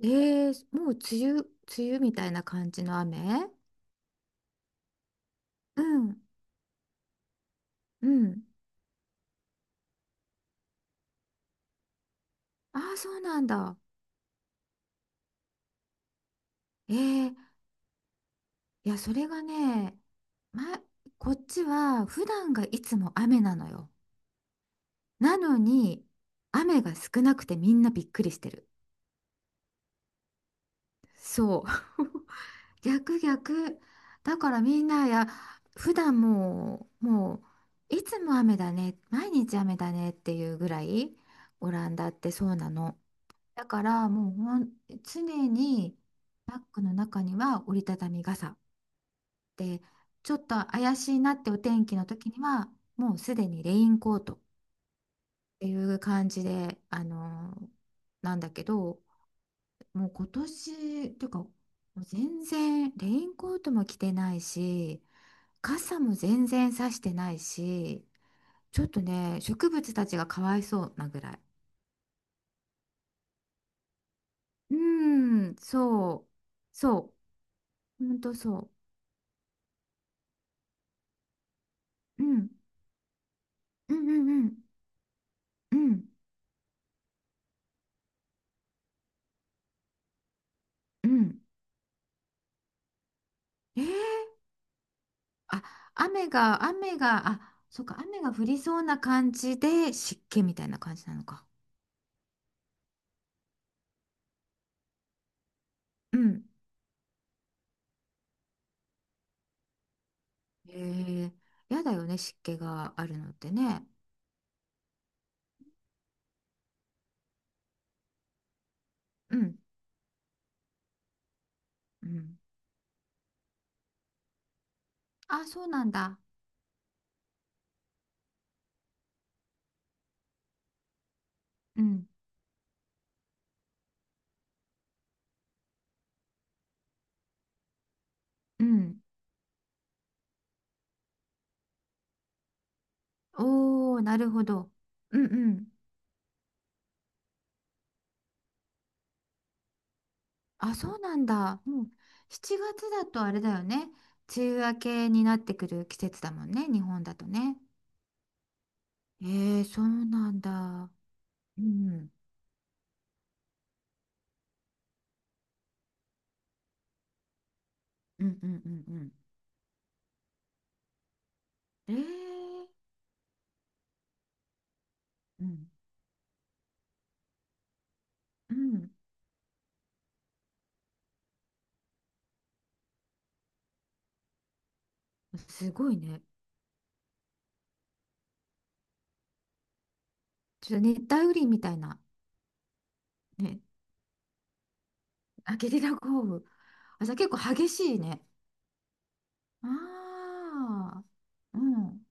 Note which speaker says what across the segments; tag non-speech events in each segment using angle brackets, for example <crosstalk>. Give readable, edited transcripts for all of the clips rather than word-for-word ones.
Speaker 1: もう梅雨、梅雨みたいな感じの雨。うん。うん。ああー、そうなんだ。えいや、それがね、ま、こっちは普段がいつも雨なのよ。なのに雨が少なくてみんなびっくりしてる。そう。 <laughs> 逆逆。だからみんないや、普段もういつも雨だね、毎日雨だねっていうぐらい。オランダってそうなの。だからもうほん、常にバッグの中には折りたたみ傘で、ちょっと怪しいなってお天気の時にはもうすでにレインコートっていう感じで、なんだけど、もう今年っていうかもう全然レインコートも着てないし、傘も全然さしてないし、ちょっとね、植物たちがかわいそうなぐらい。うん、そうそう、ほんとそう。うんうんうんうん。うんうんえー、あ、雨があ、そっか、雨が降りそうな感じで湿気みたいな感じなのか。うん。えやだよね、湿気があるのってね。うん。うん。あ、そうなんだ。うん。うん。おー、なるほど。うんうん。あ、そうなんだ。もう7月だとあれだよね、梅雨明けになってくる季節だもんね、日本だとね。えそうなんだ。うんうん。うんうんうん。ええ、うん。うん。すごいね。ちょっと熱帯雨林みたいな。ね。あ、ゲリラ豪雨。あ、じゃあ結構激しいね。ああ。うん。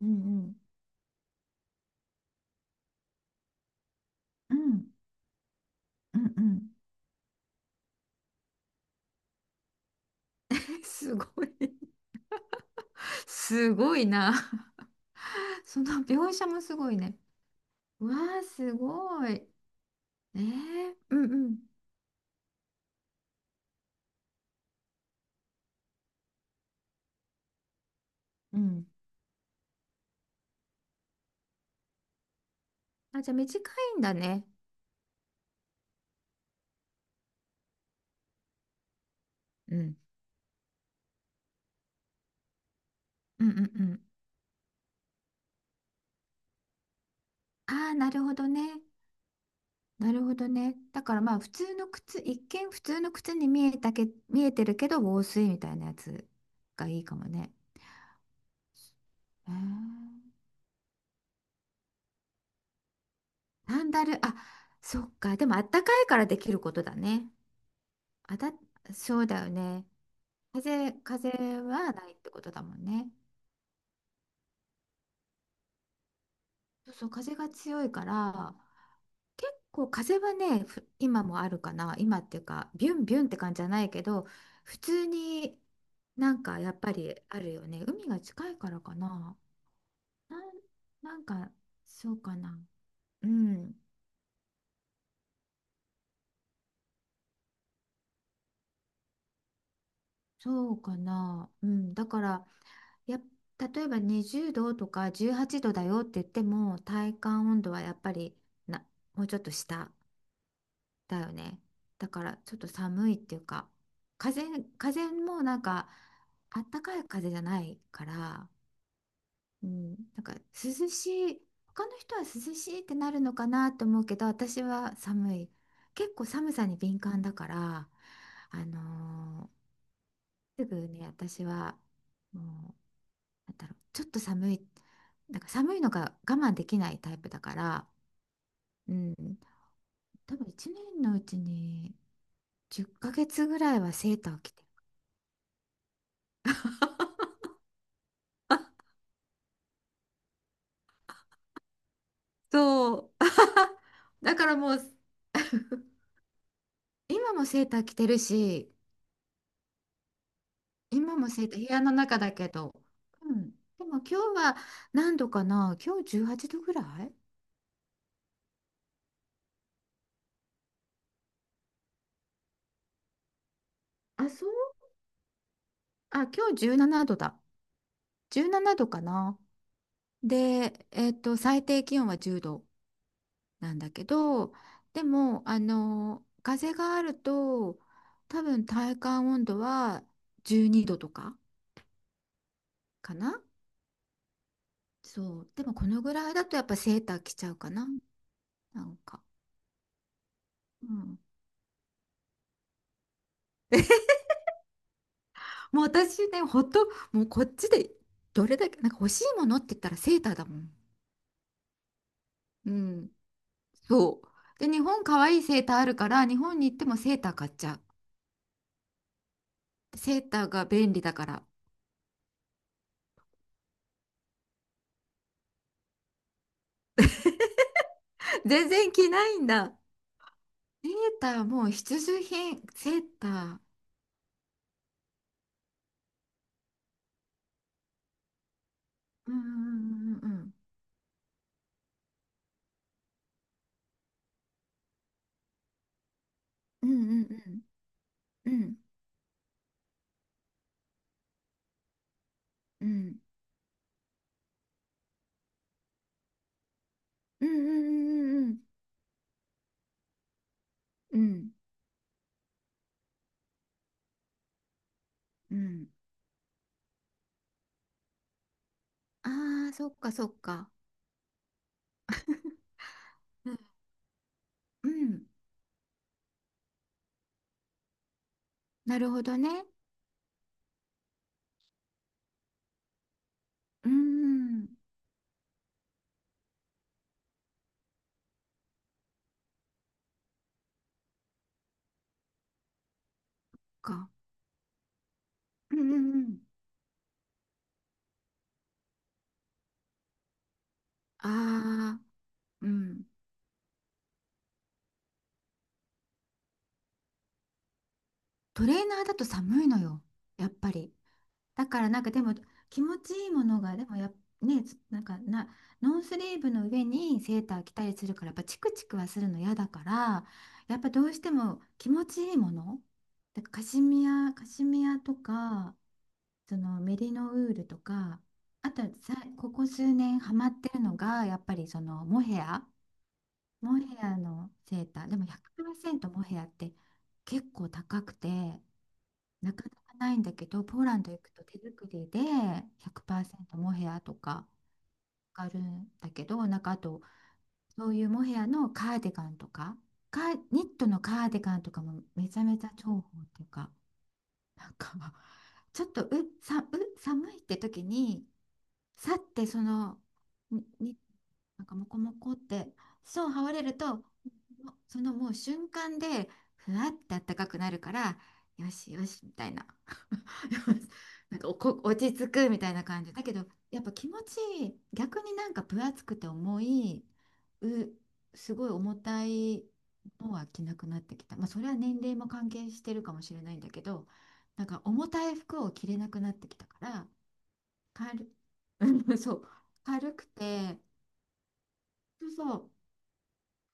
Speaker 1: うんうん。うん。うんうん。<laughs> すごい。すごいな。<laughs> その描写もすごいね。うわあ、すごい。うんうん。うん。あ、じゃあ短いんだね。うん。うんうんうん。ああ、なるほどね。なるほどね。だから、まあ普通の靴、一見普通の靴に見えたけ、見えてるけど防水みたいなやつがいいかもね。へー。サンダル、あ、そっか。でもあったかいからできることだね。あた、そうだよね。風、風はないってことだもんね。そうそう、風が強いから、結構風はね、ふ今もあるかな。今っていうか、ビュンビュンって感じじゃないけど、普通になんかやっぱりあるよね。海が近いからかな。なん、なんか、そうかな。うん、そうかな。うん、だから、やっ、例えば20度とか18度だよって言っても、体感温度はやっぱり、な、もうちょっと下だよね。だから、ちょっと寒いっていうか、風、風もなんか、あったかい風じゃないから、うん、なんか涼しい、他の人は涼しいってなるのかなと思うけど私は寒い。結構寒さに敏感だから、あのすぐね、私は、もう、なんだろう、ちょっと寒い、なんか寒いのが我慢できないタイプだから、うん、多分1年のうちに10ヶ月ぐらいはセーターを着てる。そうだから、もう今もセーター着てるし、今も生徒、部屋の中だけど。うん。でも今日は何度かな、今日18度ぐらい。あ、そう、あ、今日17度だ。17度かな。で、最低気温は10度なんだけど、でも、風があると、多分体感温度は12度とかかな。そう。でもこのぐらいだとやっぱセーター着ちゃうかな、なんか。うん。もう私ね、ほんと、もうこっちでどれだけ、なんか欲しいものって言ったらセーターだもん。うん、そう。で、日本可愛いセーターあるから、日本に行ってもセーター買っちゃう。セーターが便利だから。<laughs> 全然着ないんだ。セーターもう必需品、セーター。うんうんうんうんうんうんうんうんうんうんうんうんうん。ああー、そっかそっか。うん、なるほどね。うん、か。うんうんうん。ああ、うん。トレーナーだと寒いのよ、やっぱり。だからなんか、でも気持ちいいものが、でもやっ、ね、つなんかな、ノースリーブの上にセーター着たりするから、やっぱチクチクはするの嫌だから、やっぱどうしても気持ちいいもの、だからカシミヤ、カシミヤとか、そのメリノウールとか、あとはさ、ここ数年ハマってるのが、やっぱりそのモヘア。モヘアのセーター、でも100%モヘアって結構高くて、なかなかないんだけど、ポーランド行くと手作りで100%モヘアとかあるんだけど、なんか、あと、そういうモヘアのカーディガンとか、カーニットのカーディガンとかもめちゃめちゃ重宝っていうか、なんか <laughs> ちょっとう、さ、う、寒いって時に、さってその、に、に、なんかモコモコって、そう、羽織れると、もそのもう瞬間でふわってあったかくなるから、よしよしみたいな。 <laughs> なんかおこ落ち着くみたいな感じだけど、やっぱ気持ちいい。逆に、なんか分厚くて重い、う、すごい重たいのは着なくなってきた。まあそれは年齢も関係してるかもしれないんだけど、なんか重たい服を着れなくなってきたから、軽 <laughs> そう、軽くて、そうそう、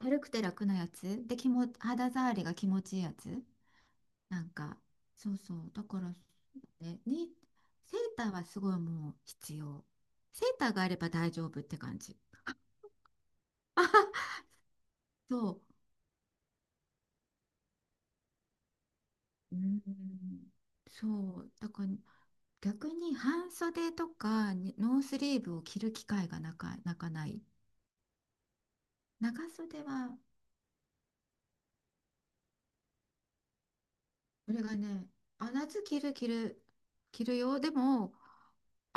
Speaker 1: 軽くて楽なやつで、気も肌触りが気持ちいいやつ、なんか、そうそう、だからね、に、セーターはすごいもう必要。セーターがあれば大丈夫って感じ。そう、うーん、そうだから、逆に半袖とかにノースリーブを着る機会がなかなかない。長袖は、これがね、あ、夏着る、着る、着るよ、でも、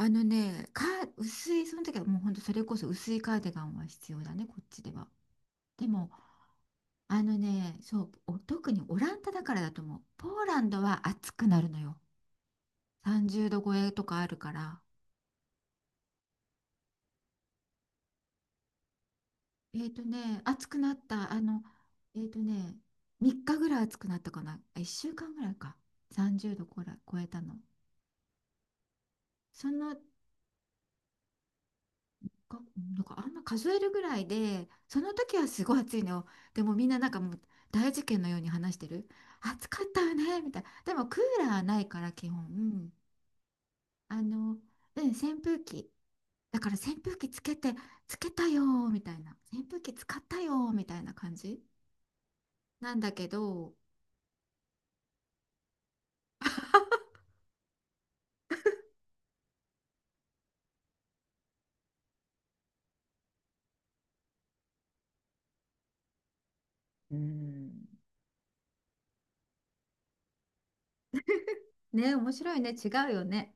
Speaker 1: あのね、か、薄い、その時はもうほんとそれこそ薄いカーディガンは必要だね、こっちでは。でも、あのね、そう、お特にオランダだからだと思う。ポーランドは暑くなるのよ。30度超えとかあるから。えっとね、暑くなった、えっとね、3日ぐらい暑くなったかな。あ、1週間ぐらいか。30度こら超えたの。そのが、なんかあんま数えるぐらいで、その時はすごい暑いのよ。でもみんななんかもう大事件のように話してる。暑かったよねみたいな。でもクーラーないから基本、うん、あのうん、扇風機、だから扇風機つけて、つけたよーみたいな、扇風機使ったよーみたいな感じなんだけど、うん。ね、面白いね、違うよね。